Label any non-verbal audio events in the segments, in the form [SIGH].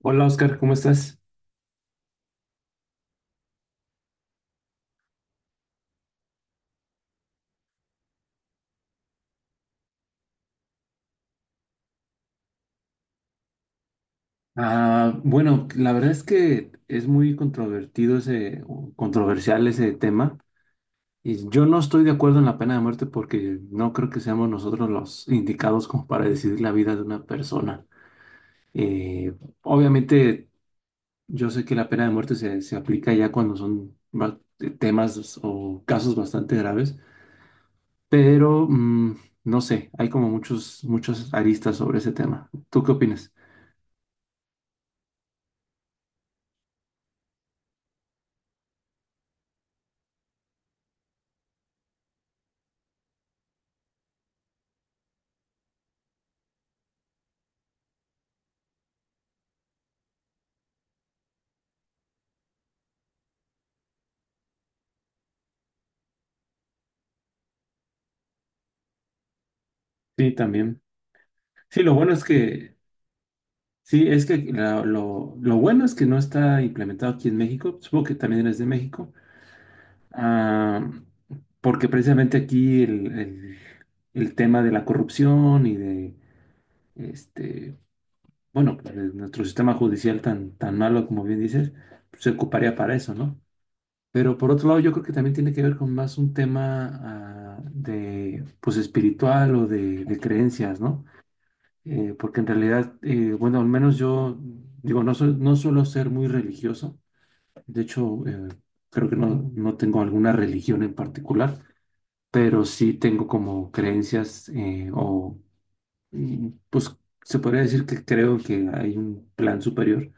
Hola Oscar, ¿cómo estás? Bueno, la verdad es que es muy controvertido ese, o controversial ese tema. Y yo no estoy de acuerdo en la pena de muerte porque no creo que seamos nosotros los indicados como para decidir la vida de una persona. Eh, Obviamente, yo sé que la pena de muerte se aplica ya cuando son temas o casos bastante graves, pero no sé, hay como muchos, muchas aristas sobre ese tema. ¿Tú qué opinas? Sí, también. Sí, lo bueno es que sí, es que lo bueno es que no está implementado aquí en México, supongo que también eres de México, ah, porque precisamente aquí el tema de la corrupción y de, este, bueno, pues, de nuestro sistema judicial tan, tan malo como bien dices, pues, se ocuparía para eso, ¿no? Pero por otro lado, yo creo que también tiene que ver con más un tema, de, pues, espiritual o de creencias, ¿no? Porque en realidad, bueno, al menos yo, digo, no, no suelo ser muy religioso, de hecho, creo que no tengo alguna religión en particular, pero sí tengo como creencias o, pues, se podría decir que creo que hay un plan superior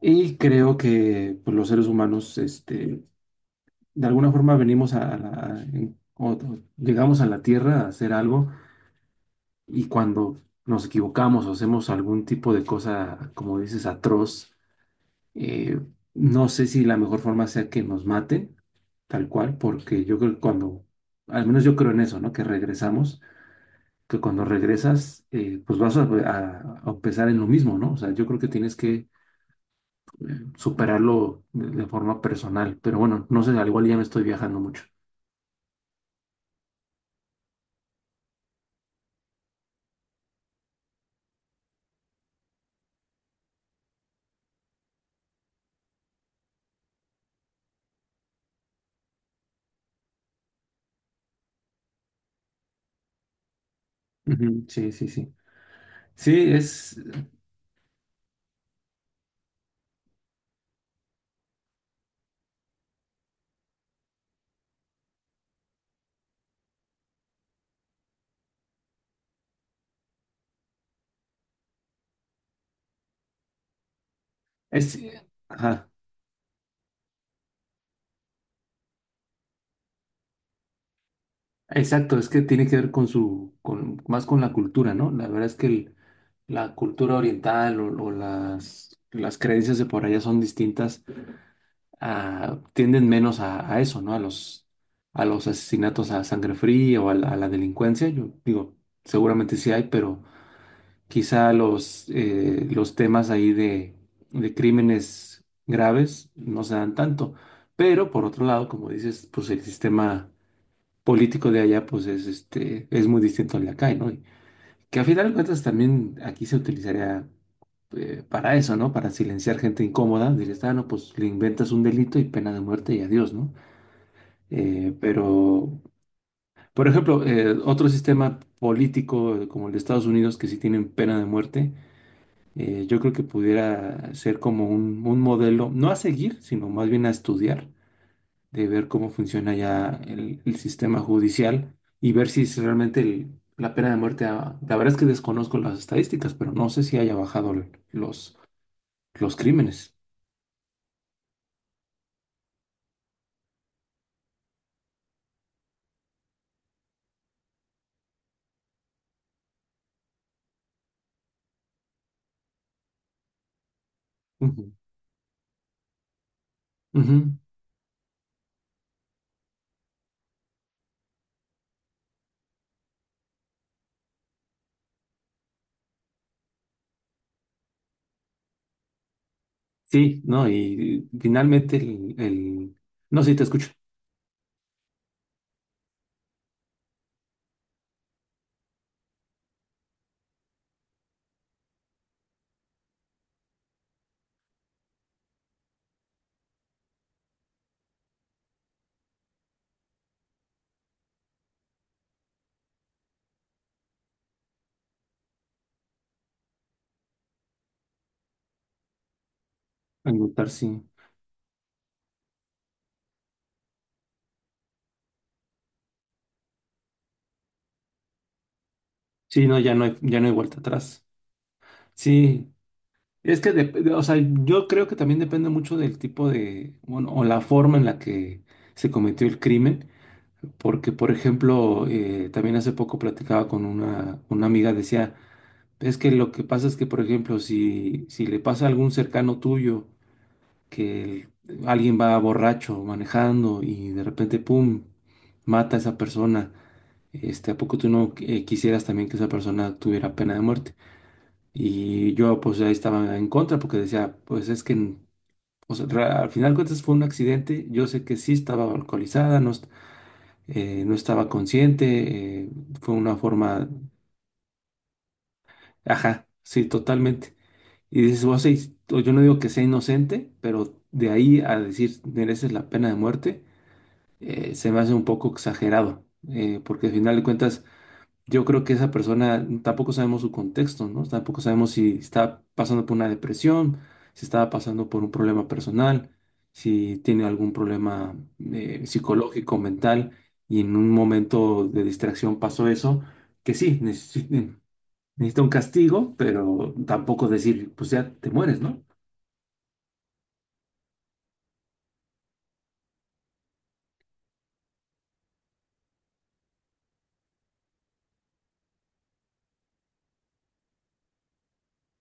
y creo que pues, los seres humanos, de alguna forma venimos o llegamos a la Tierra a hacer algo. Y cuando nos equivocamos o hacemos algún tipo de cosa, como dices, atroz, eh, no sé si la mejor forma sea que nos maten, tal cual, porque yo creo que cuando, al menos yo creo en eso, ¿no? Que regresamos, que cuando regresas, pues vas a empezar en lo mismo, ¿no? O sea, yo creo que tienes que superarlo de forma personal, pero bueno, no sé, al igual ya me estoy viajando mucho. Ujú, sí, sí, sí. Sí, es, ajá. Exacto, es que tiene que ver con su, con, más con la cultura, ¿no? La verdad es que la cultura oriental o las creencias de por allá son distintas, tienden menos a eso, ¿no? A los asesinatos a sangre fría o a la delincuencia. Yo digo, seguramente sí hay, pero quizá los temas ahí de crímenes graves no se dan tanto. Pero por otro lado, como dices, pues el sistema político de allá, pues es este, es muy distinto al de acá, ¿no? Y que a final de cuentas también aquí se utilizaría para eso, ¿no? Para silenciar gente incómoda, dirías, ah, no, pues le inventas un delito y pena de muerte y adiós, ¿no? Pero, por ejemplo, otro sistema político como el de Estados Unidos que sí tienen pena de muerte, yo creo que pudiera ser como un modelo, no a seguir, sino más bien a estudiar de ver cómo funciona ya el sistema judicial y ver si es realmente la pena de muerte, la verdad es que desconozco las estadísticas, pero no sé si haya bajado los crímenes. Ujú. Ujú. Sí, no, y finalmente no, sí, te escucho. Al votar, sí. Sí, no, ya no hay vuelta atrás. Sí, es que, o sea, yo creo que también depende mucho del tipo de, bueno, o la forma en la que se cometió el crimen. Porque, por ejemplo, también hace poco platicaba con una amiga, decía, es que lo que pasa es que, por ejemplo, si, si le pasa a algún cercano tuyo, que alguien va borracho manejando y de repente, ¡pum!, mata a esa persona, ¿a poco tú no quisieras también que esa persona tuviera pena de muerte? Y yo, pues, ahí estaba en contra porque decía, pues es que, o sea, al final de cuentas fue un accidente, yo sé que sí estaba alcoholizada, no, no estaba consciente, fue una forma, ajá, sí, totalmente. Y dices, vos, sí, o yo no digo que sea inocente, pero de ahí a decir mereces la pena de muerte, se me hace un poco exagerado, porque al final de cuentas yo creo que esa persona tampoco sabemos su contexto, ¿no? Tampoco sabemos si está pasando por una depresión, si estaba pasando por un problema personal, si tiene algún problema psicológico, mental, y en un momento de distracción pasó eso, que sí, necesita un castigo, pero tampoco decir, pues ya te mueres, ¿no?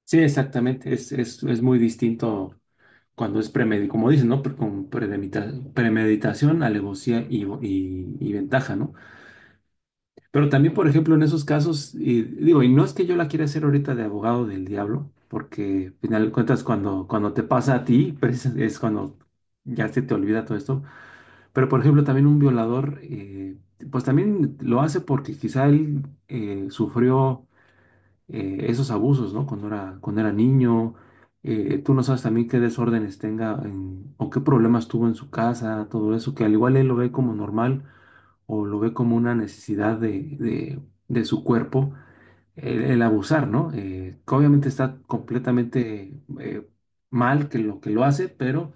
Sí, exactamente, es muy distinto cuando es premeditación, como dicen, ¿no? Con premeditación, alevosía y, y ventaja, ¿no? Pero también, por ejemplo, en esos casos, y digo, y no es que yo la quiera hacer ahorita de abogado del diablo, porque al final de cuentas cuando, cuando te pasa a ti, [LAUGHS] pues, es cuando ya se te olvida todo esto. Pero, por ejemplo, también un violador, pues también lo hace porque quizá él sufrió esos abusos, ¿no? Cuando era niño. Tú no sabes también qué desórdenes tenga o qué problemas tuvo en su casa, todo eso, que al igual él lo ve como normal o lo ve como una necesidad de, de su cuerpo el abusar, ¿no? Que obviamente está completamente mal que lo hace, pero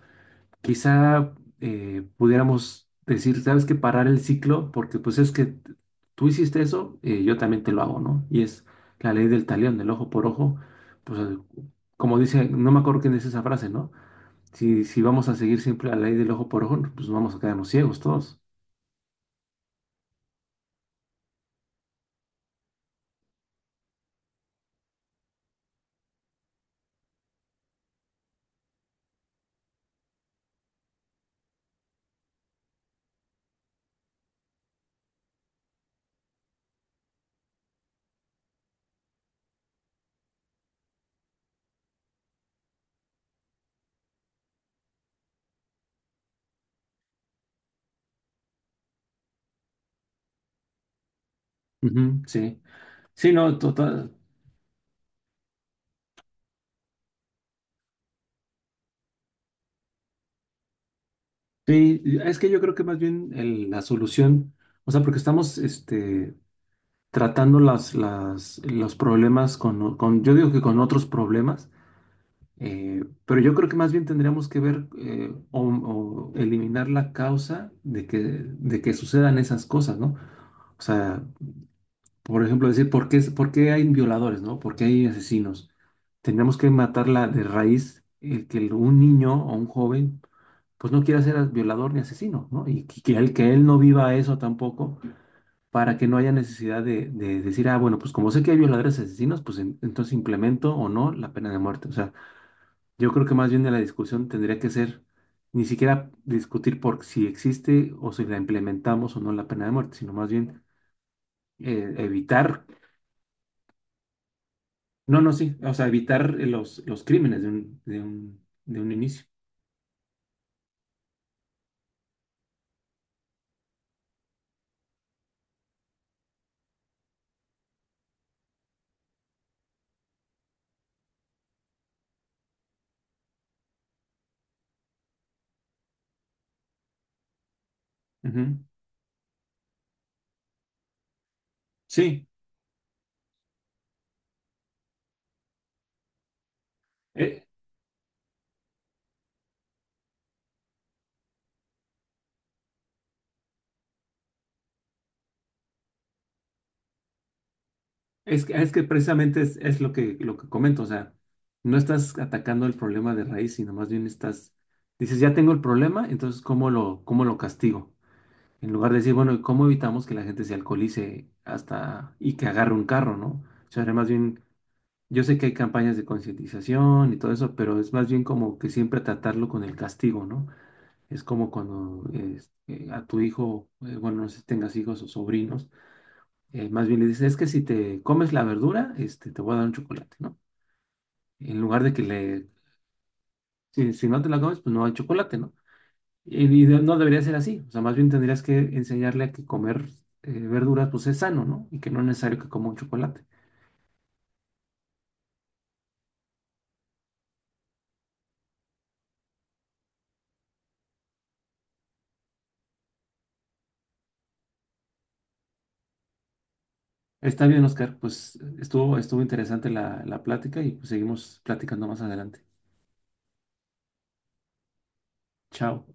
quizá pudiéramos decir, ¿sabes qué? Parar el ciclo, porque pues es que tú hiciste eso, yo también te lo hago, ¿no? Y es la ley del talión, del ojo por ojo, pues como dice, no me acuerdo quién es esa frase, ¿no? Si, si vamos a seguir siempre la ley del ojo por ojo, pues vamos a quedarnos ciegos todos. Ujú, sí. Sí, no, total. Sí, es que yo creo que más bien la solución, o sea, porque estamos tratando las, los problemas con, yo digo que con otros problemas, pero yo creo que más bien tendríamos que ver o eliminar la causa de que sucedan esas cosas, ¿no? O sea, por ejemplo, decir, por qué hay violadores, ¿no? ¿Por qué hay asesinos? Tenemos que matarla de raíz el que un niño o un joven pues no quiera ser violador ni asesino, ¿no? Y que que él no viva eso tampoco para que no haya necesidad de decir, ah, bueno, pues como sé que hay violadores y asesinos, pues entonces implemento o no la pena de muerte. O sea, yo creo que más bien de la discusión tendría que ser ni siquiera discutir por si existe o si la implementamos o no la pena de muerte, sino más bien evitar no, no, sí. O sea, evitar los crímenes de un, de un, de un inicio. Ujú. Sí. Eh, es, es que precisamente es lo que comento. O sea, no estás atacando el problema de raíz, sino más bien estás, dices, ya tengo el problema, entonces, cómo lo castigo? En lugar de decir, bueno, ¿cómo evitamos que la gente se alcoholice hasta y que agarre un carro, ¿no? O sea, más bien, yo sé que hay campañas de concientización y todo eso, pero es más bien como que siempre tratarlo con el castigo, ¿no? Es como cuando a tu hijo, bueno, no sé si tengas hijos o sobrinos, más bien le dices, es que si te comes la verdura, te voy a dar un chocolate, ¿no? En lugar de que le, si, si no te la comes, pues no hay chocolate, ¿no? Y, no debería ser así, o sea, más bien tendrías que enseñarle a que comer verduras, pues es sano, ¿no? Y que no es necesario que coma un chocolate. Está bien, Oscar, pues estuvo, estuvo interesante la, la plática y pues, seguimos platicando más adelante. Chao.